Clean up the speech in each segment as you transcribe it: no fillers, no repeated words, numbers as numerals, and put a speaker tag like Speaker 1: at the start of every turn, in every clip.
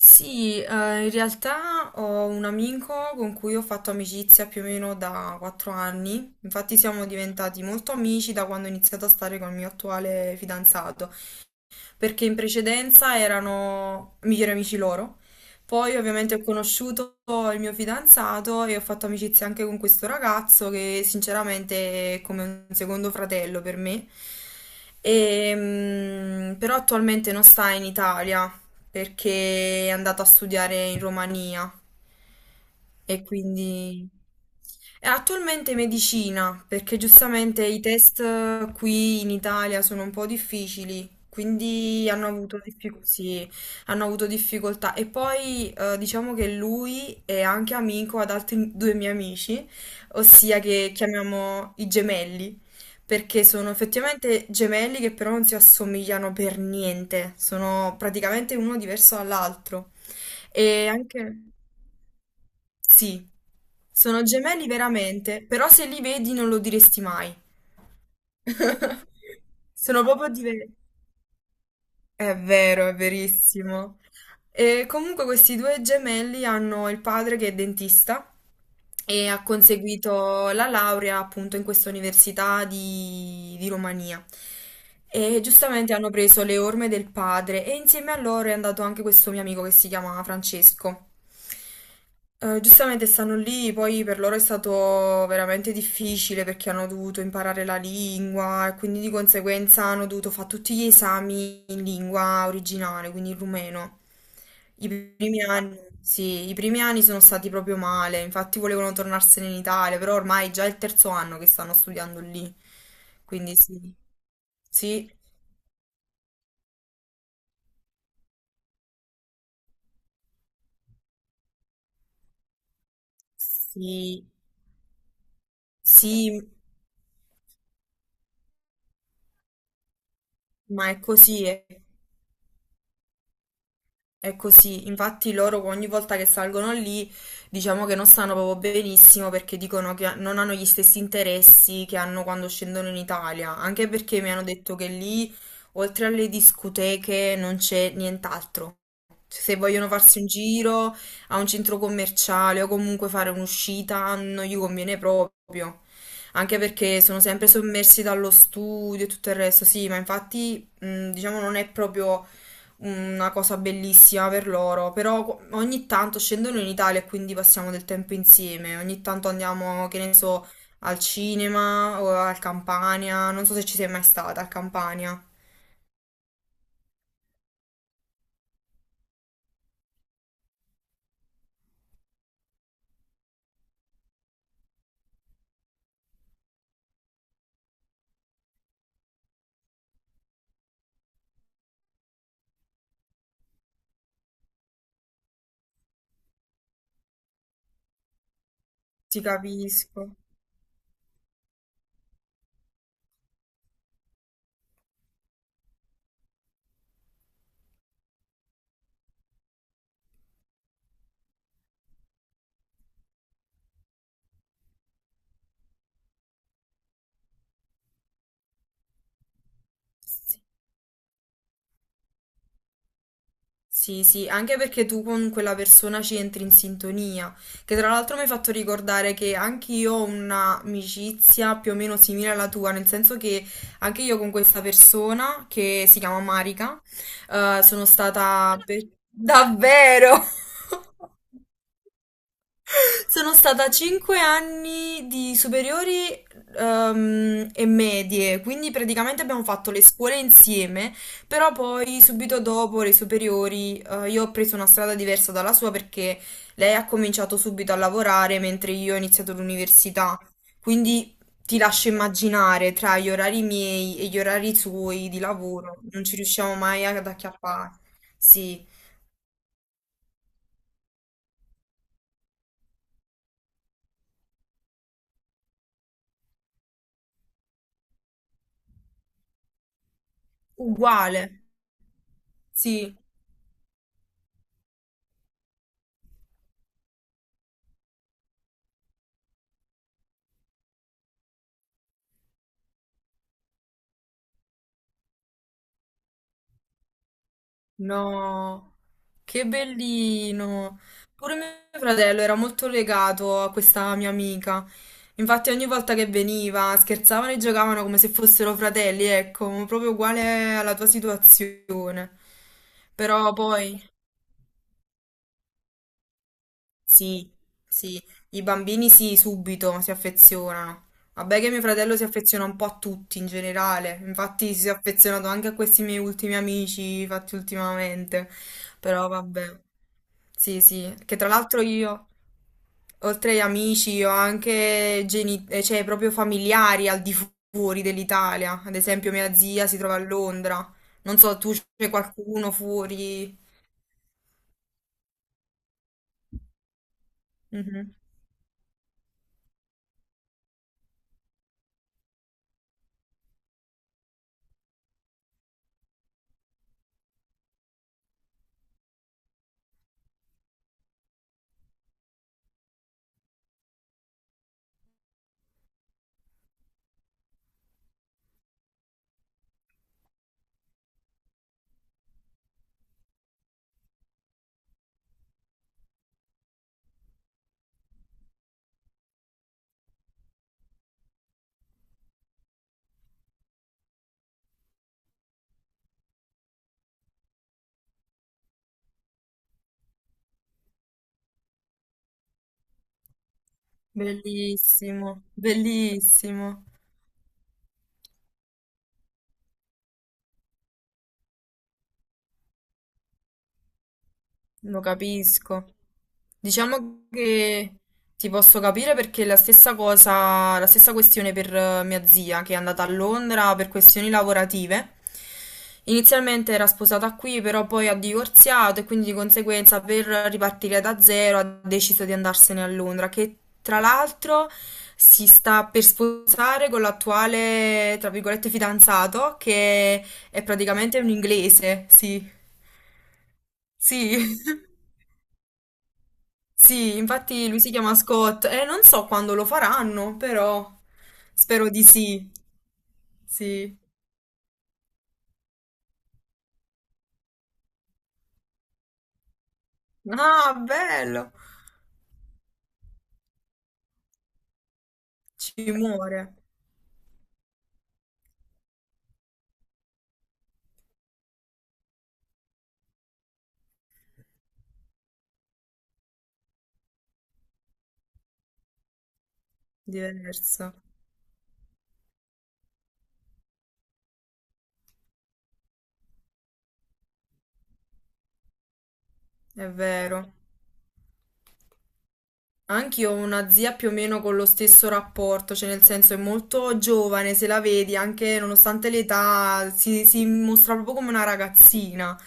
Speaker 1: Sì, in realtà ho un amico con cui ho fatto amicizia più o meno da 4 anni, infatti siamo diventati molto amici da quando ho iniziato a stare con il mio attuale fidanzato perché in precedenza erano migliori amici loro. Poi ovviamente ho conosciuto il mio fidanzato e ho fatto amicizia anche con questo ragazzo che sinceramente è come un secondo fratello per me. Però attualmente non sta in Italia perché è andato a studiare in Romania e quindi. È attualmente medicina, perché giustamente i test qui in Italia sono un po' difficili, quindi hanno avuto sì, hanno avuto difficoltà. E poi diciamo che lui è anche amico ad altri due miei amici, ossia che chiamiamo i gemelli, perché sono effettivamente gemelli che però non si assomigliano per niente, sono praticamente uno diverso dall'altro. E anche. Sì, sono gemelli veramente, però se li vedi non lo diresti mai. Sono proprio diversi. È vero, è verissimo. E comunque questi due gemelli hanno il padre che è dentista e ha conseguito la laurea appunto in questa università di Romania. E giustamente hanno preso le orme del padre e insieme a loro è andato anche questo mio amico che si chiama Francesco. Giustamente stanno lì, poi per loro è stato veramente difficile perché hanno dovuto imparare la lingua e quindi di conseguenza hanno dovuto fare tutti gli esami in lingua originale, quindi in rumeno. I primi anni, sì, i primi anni sono stati proprio male, infatti volevano tornarsene in Italia, però ormai è già il terzo anno che stanno studiando lì, quindi sì. Sì, sì, sì, ma è così. Eh. È così, infatti loro ogni volta che salgono lì diciamo che non stanno proprio benissimo perché dicono che non hanno gli stessi interessi che hanno quando scendono in Italia, anche perché mi hanno detto che lì oltre alle discoteche non c'è nient'altro. Cioè, se vogliono farsi un giro a un centro commerciale o comunque fare un'uscita, non gli conviene proprio. Anche perché sono sempre sommersi dallo studio e tutto il resto, sì, ma infatti, diciamo, non è proprio una cosa bellissima per loro. Però ogni tanto scendono in Italia e quindi passiamo del tempo insieme. Ogni tanto andiamo, che ne so, al cinema o al Campania. Non so se ci sei mai stata al Campania. Ti capisco. Sì, sì, anche perché tu con quella persona ci entri in sintonia, che tra l'altro mi hai fatto ricordare che anche io ho un'amicizia più o meno simile alla tua, nel senso che anche io con questa persona che si chiama Marica, sono stata davvero. Sono stata 5 anni di superiori e medie, quindi praticamente abbiamo fatto le scuole insieme, però poi subito dopo le superiori io ho preso una strada diversa dalla sua perché lei ha cominciato subito a lavorare mentre io ho iniziato l'università, quindi ti lascio immaginare tra gli orari miei e gli orari suoi di lavoro, non ci riusciamo mai ad acchiappare. Sì, uguale. Sì, no, che bellino. Pure mio fratello era molto legato a questa mia amica. Infatti ogni volta che veniva scherzavano e giocavano come se fossero fratelli, ecco, proprio uguale alla tua situazione. Però poi. Sì, sì, i bambini sì, subito si affezionano. Vabbè che mio fratello si affeziona un po' a tutti in generale, infatti si è affezionato anche a questi miei ultimi amici fatti ultimamente, però vabbè. Sì, sì, che tra l'altro io, oltre agli amici, ho anche cioè, proprio familiari al di fuori dell'Italia, ad esempio mia zia si trova a Londra, non so, tu c'è qualcuno fuori? Mhm. Bellissimo, bellissimo. Lo capisco. Diciamo che ti posso capire perché è la stessa cosa, la stessa questione per mia zia che è andata a Londra per questioni lavorative. Inizialmente era sposata qui, però poi ha divorziato e quindi di conseguenza per ripartire da zero ha deciso di andarsene a Londra, che tra l'altro si sta per sposare con l'attuale, tra virgolette, fidanzato che è praticamente un inglese, sì. Sì. Sì, infatti lui si chiama Scott e non so quando lo faranno, però spero di sì. Sì. Ah, bello! Ci muore. Diverso, è vero. Anch'io ho una zia più o meno con lo stesso rapporto, cioè nel senso è molto giovane, se la vedi, anche nonostante l'età, si mostra proprio come una ragazzina,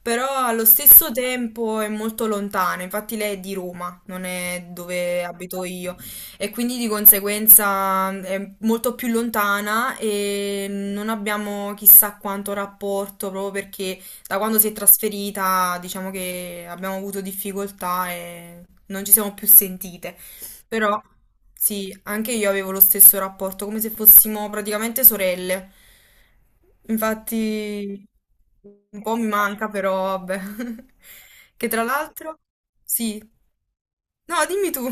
Speaker 1: però allo stesso tempo è molto lontana, infatti lei è di Roma, non è dove abito io, e quindi di conseguenza è molto più lontana e non abbiamo chissà quanto rapporto proprio perché da quando si è trasferita, diciamo che abbiamo avuto difficoltà e non ci siamo più sentite. Però sì, anche io avevo lo stesso rapporto, come se fossimo praticamente sorelle. Infatti un po' mi manca, però vabbè. Che tra l'altro, sì. No, dimmi tu.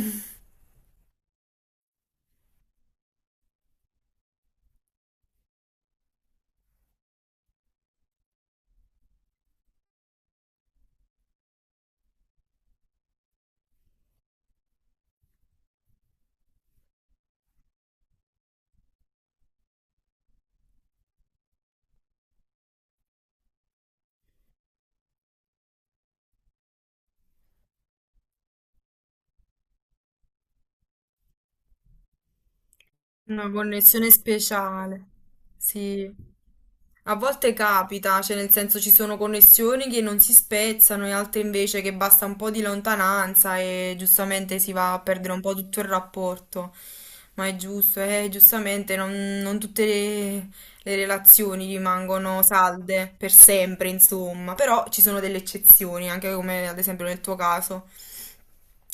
Speaker 1: Una connessione speciale, sì. A volte capita, cioè nel senso ci sono connessioni che non si spezzano e altre invece che basta un po' di lontananza e giustamente si va a perdere un po' tutto il rapporto. Ma è giusto, giustamente non tutte le relazioni rimangono salde per sempre, insomma. Però ci sono delle eccezioni, anche come ad esempio nel tuo caso.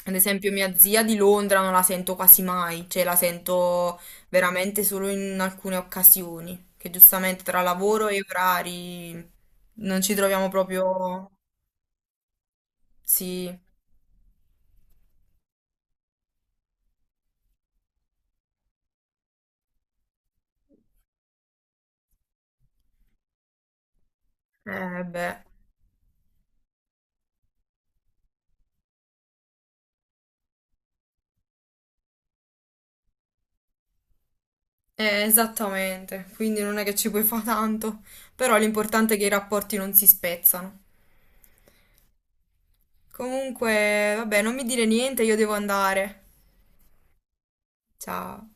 Speaker 1: Ad esempio, mia zia di Londra non la sento quasi mai, cioè la sento veramente solo in alcune occasioni, che giustamente tra lavoro e orari non ci troviamo proprio. Sì, eh beh, esattamente, quindi non è che ci puoi fare tanto, però l'importante è che i rapporti non si spezzano. Comunque, vabbè, non mi dire niente, io devo andare. Ciao.